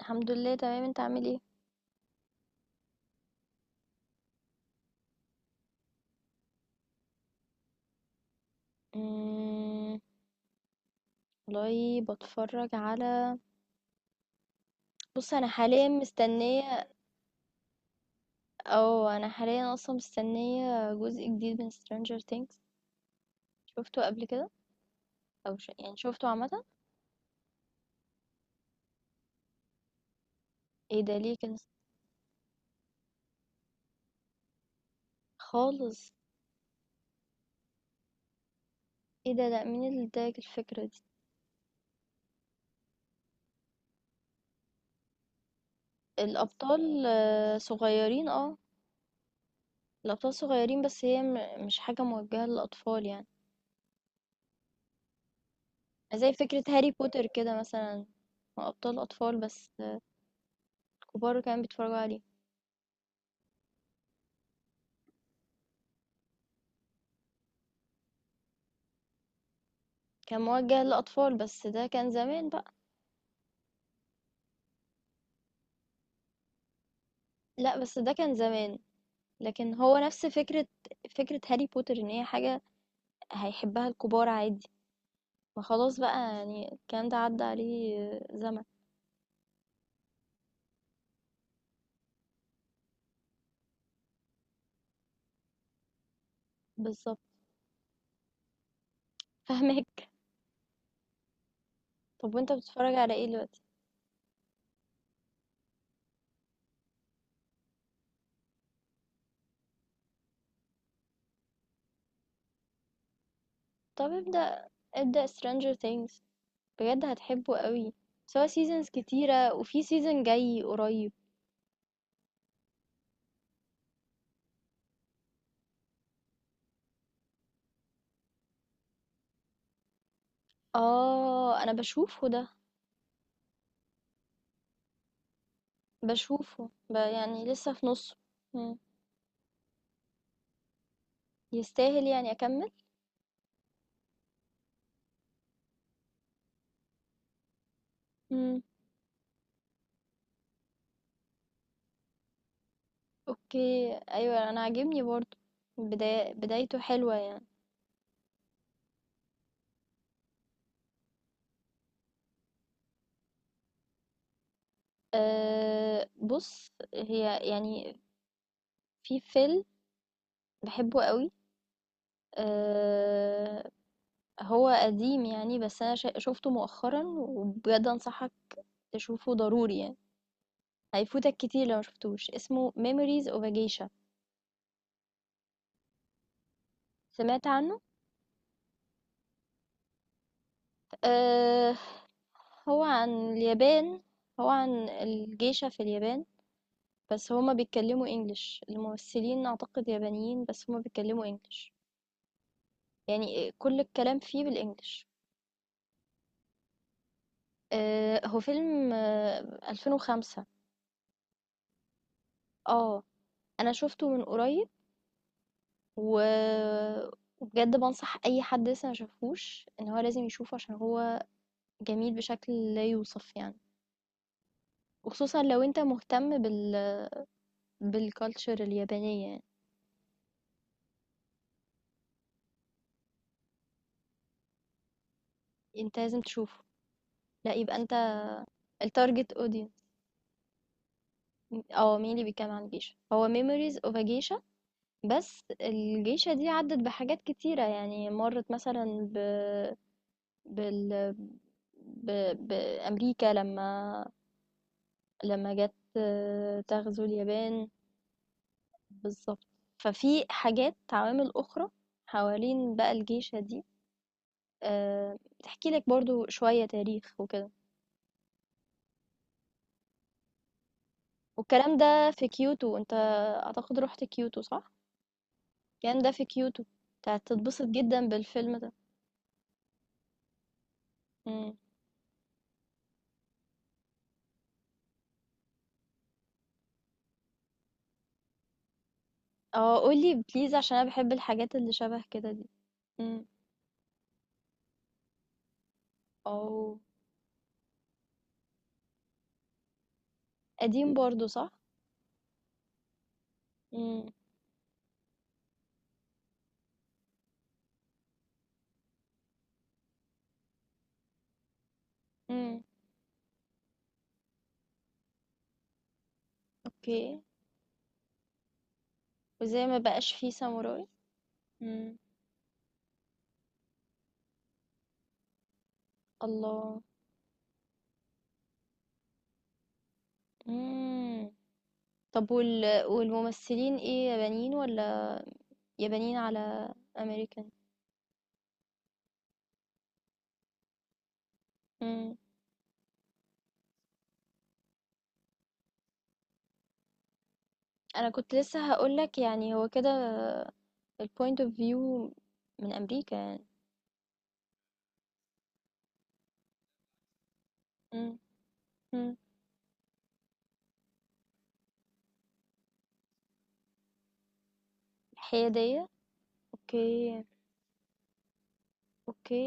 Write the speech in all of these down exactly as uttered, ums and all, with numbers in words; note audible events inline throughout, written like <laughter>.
الحمد لله تمام، انت عامل ايه؟ مم. والله بتفرج على. بص انا حاليا مستنيه او انا حاليا اصلا مستنيه جزء جديد من Stranger Things. شفته قبل كده. او ش... يعني شفته عامه. ايه ده ليه كده؟ خالص. ايه ده، لا مين اللي اداك الفكره دي؟ الابطال آه، صغيرين اه الابطال صغيرين بس هي م... مش حاجه موجهه للاطفال يعني. زي فكره هاري بوتر كده مثلا، هو ابطال اطفال بس آه، كبار كمان بيتفرجوا عليه. كان موجه للأطفال، بس ده كان زمان بقى. لأ بس ده كان زمان، لكن هو نفس فكرة فكرة هاري بوتر إن هي حاجة هيحبها الكبار عادي. ما خلاص بقى يعني الكلام ده عدى عليه زمن. بالضبط. فاهماك. <laughs> طب وأنت بتتفرج على إيه دلوقتي؟ طب ابدأ ابدأ Stranger Things، بجد هتحبه أوي. بس هو seasons كتيرة وفي season جاي قريب. آه أنا باشوفه ده. باشوفه ب يعني لسه في نُصّه. إمم. يستاهل يعني أكمّل؟ إمم. اوكي ايوه انا عاجبني برضو. بداية بدايته حلوة يعني. أه بص، هي يعني في فيلم بحبه قوي. أه هو قديم يعني بس انا شا- شفته مؤخرا وبجد انصحك تشوفه ضروري يعني. هيفوتك كتير لو مشفتوش، اسمه Memories of a Geisha. سمعت عنه. أه هو عن اليابان. هو عن الجيشة في اليابان. بس هما بيتكلموا انجلش، الممثلين اعتقد يابانيين بس هما بيتكلموا انجلش. يعني كل الكلام فيه بالانجلش. آه هو فيلم آه ألفين وخمسة. اه انا شفته من قريب. و وبجد بنصح اي حد لسه ما شافوش ان هو لازم يشوفه، عشان هو جميل بشكل لا يوصف يعني. وخصوصا لو انت مهتم بال بالكالتشر اليابانية يعني. انت لازم تشوفه. لا يبقى انت التارجت اودينس. اه مين اللي بيتكلم عن جيش، هو ميموريز اوف a geisha. بس الجيشة دي عدت بحاجات كتيرة يعني، مرت مثلا ب... بال... ب... بأمريكا لما لما جت آه، تغزو اليابان. بالظبط. ففي حاجات عوامل أخرى حوالين بقى الجيشة دي. آه، تحكي لك برضو شوية تاريخ وكده. والكلام ده في كيوتو، انت أعتقد رحت كيوتو صح؟ الكلام ده في كيوتو. انت هتتبسط جدا بالفيلم. ده. اه قولي بليز عشان انا بحب الحاجات اللي شبه كده دي. امم. او قديم برضو صح. امم. امم. اوكي. وزي ما بقاش فيه ساموراي. امم. الله. امم. طب وال... والممثلين ايه، يابانيين ولا يابانيين على امريكان؟ امم. انا كنت لسه هقولك يعني هو كده، البوينت اوف فيو من امريكا يعني. امم. امم. الحيادية. اوكي. اوكي.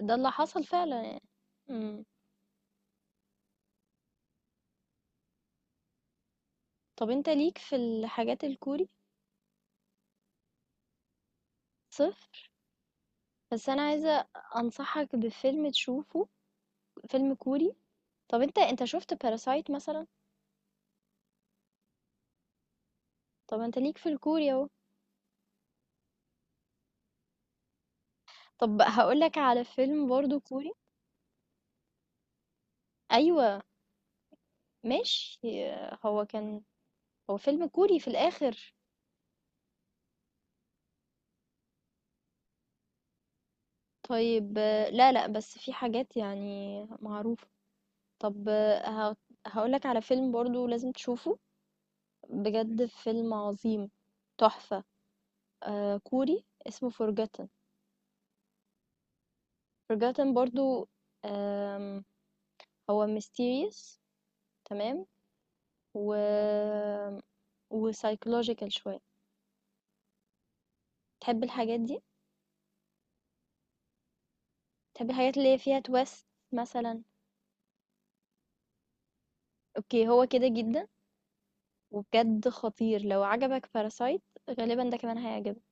ده اللي حصل فعلًا يعني. إمم. طب أنت ليك في الحاجات الكوري؟ صفر. بس أنا عايزة أنصحك بفيلم تشوفه، فيلم كوري. طب أنت أنت شُفت Parasite مثلًا؟ طب أنت ليك في الكوري أهو. طب هاقول لك على فيلم برضه كوري. أيوه، ماشي. هو كان هو فيلم كوري في الآخر. طيب آه، لا، لأ، بس في حاجات يعني معروفة. طب آه، ه هاقول لك على فيلم برضه لازم تشوفه. بجد فيلم عظيم، تحفة. آه كوري اسمه Forgotten. Forgotten برضو. آم، هو mysterious. تمام. و و psychological شوية. تحب الحاجات دي؟ تحب الحاجات اللي هي فيها تويست مثلا؟ اوكي هو كده جدا. وبجد خطير، لو عجبك باراسايت غالبا ده كمان هيعجبك.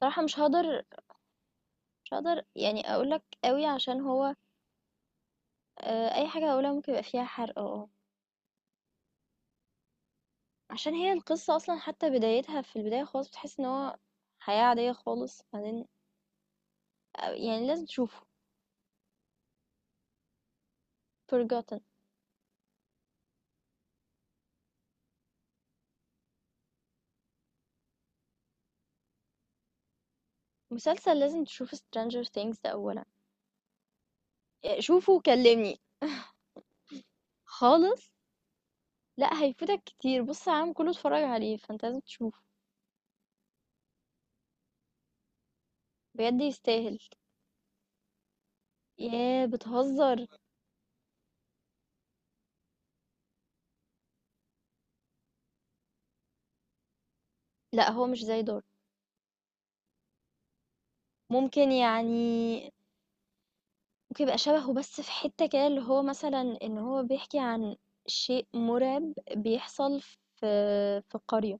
صراحة مش هقدر مش هقدر يعني اقولك قوي عشان هو. آه، اي حاجة اقولها ممكن يبقى فيها حرق. اه. عشان هي القصة اصلا حتى بدايتها، في البداية خالص بتحس ان هو حياة عادية خالص، بعدين. يعني لازم تشوفه. Forgotten. مسلسل لازم تشوف Stranger Things ده أولا. آه، شوفه وكلمني. خالص. لا هيفوتك كتير، بص على العالم كله اتفرج عليه فانت لازم تشوفه. بجد يستاهل. ياه بتهزر. لا هو مش زي دور. ممكن يعني، ممكن يبقى شبهه بس في حتة كده، اللي هو مثلا ان هو بيحكي عن شيء مرعب بيحصل في في قرية.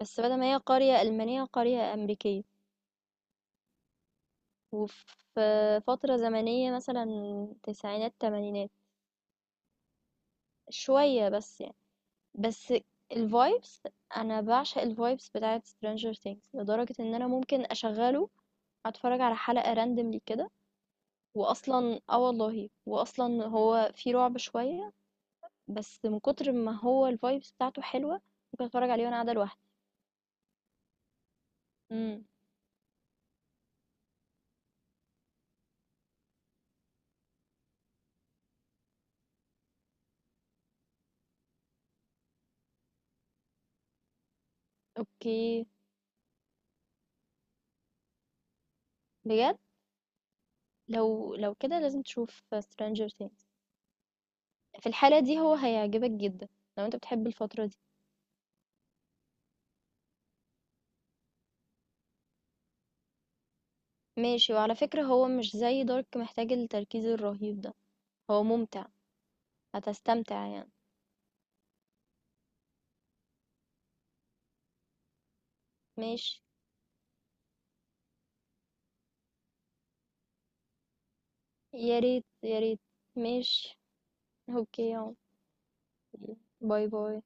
بس بدل ما هي قرية ألمانية، قرية أمريكية. وفي فترة زمنية مثلًا، تسعينات تمانينات. شوية بس يعني. بس الvibes، أنا باعشق الvibes بتاعة Stranger Things لدرجة إن أنا ممكن أشغّله أتفرّج على حلقة randomly كده. وأصلًا آه والله، وأصلًا هو فيه رعب شوية، بس من كتر ما هو الvibes بتاعته حلوة ممكن أتفرّج عليه وأنا قاعدة لوحدي. إمم. أوكي. بجد؟ لو لو كده لازم تشوف Stranger Things. في الحالة دي هو هيعجبك جدًا لو أنت بتحب الفترة دي. ماشي. وعلى فكرة هو مش زي دارك محتاج التركيز الرهيب ده، هو ممتع. هتستمتع يعني. ماشي. يا ريت يا ريت. ماشي. اوكي يا عم. باي باي.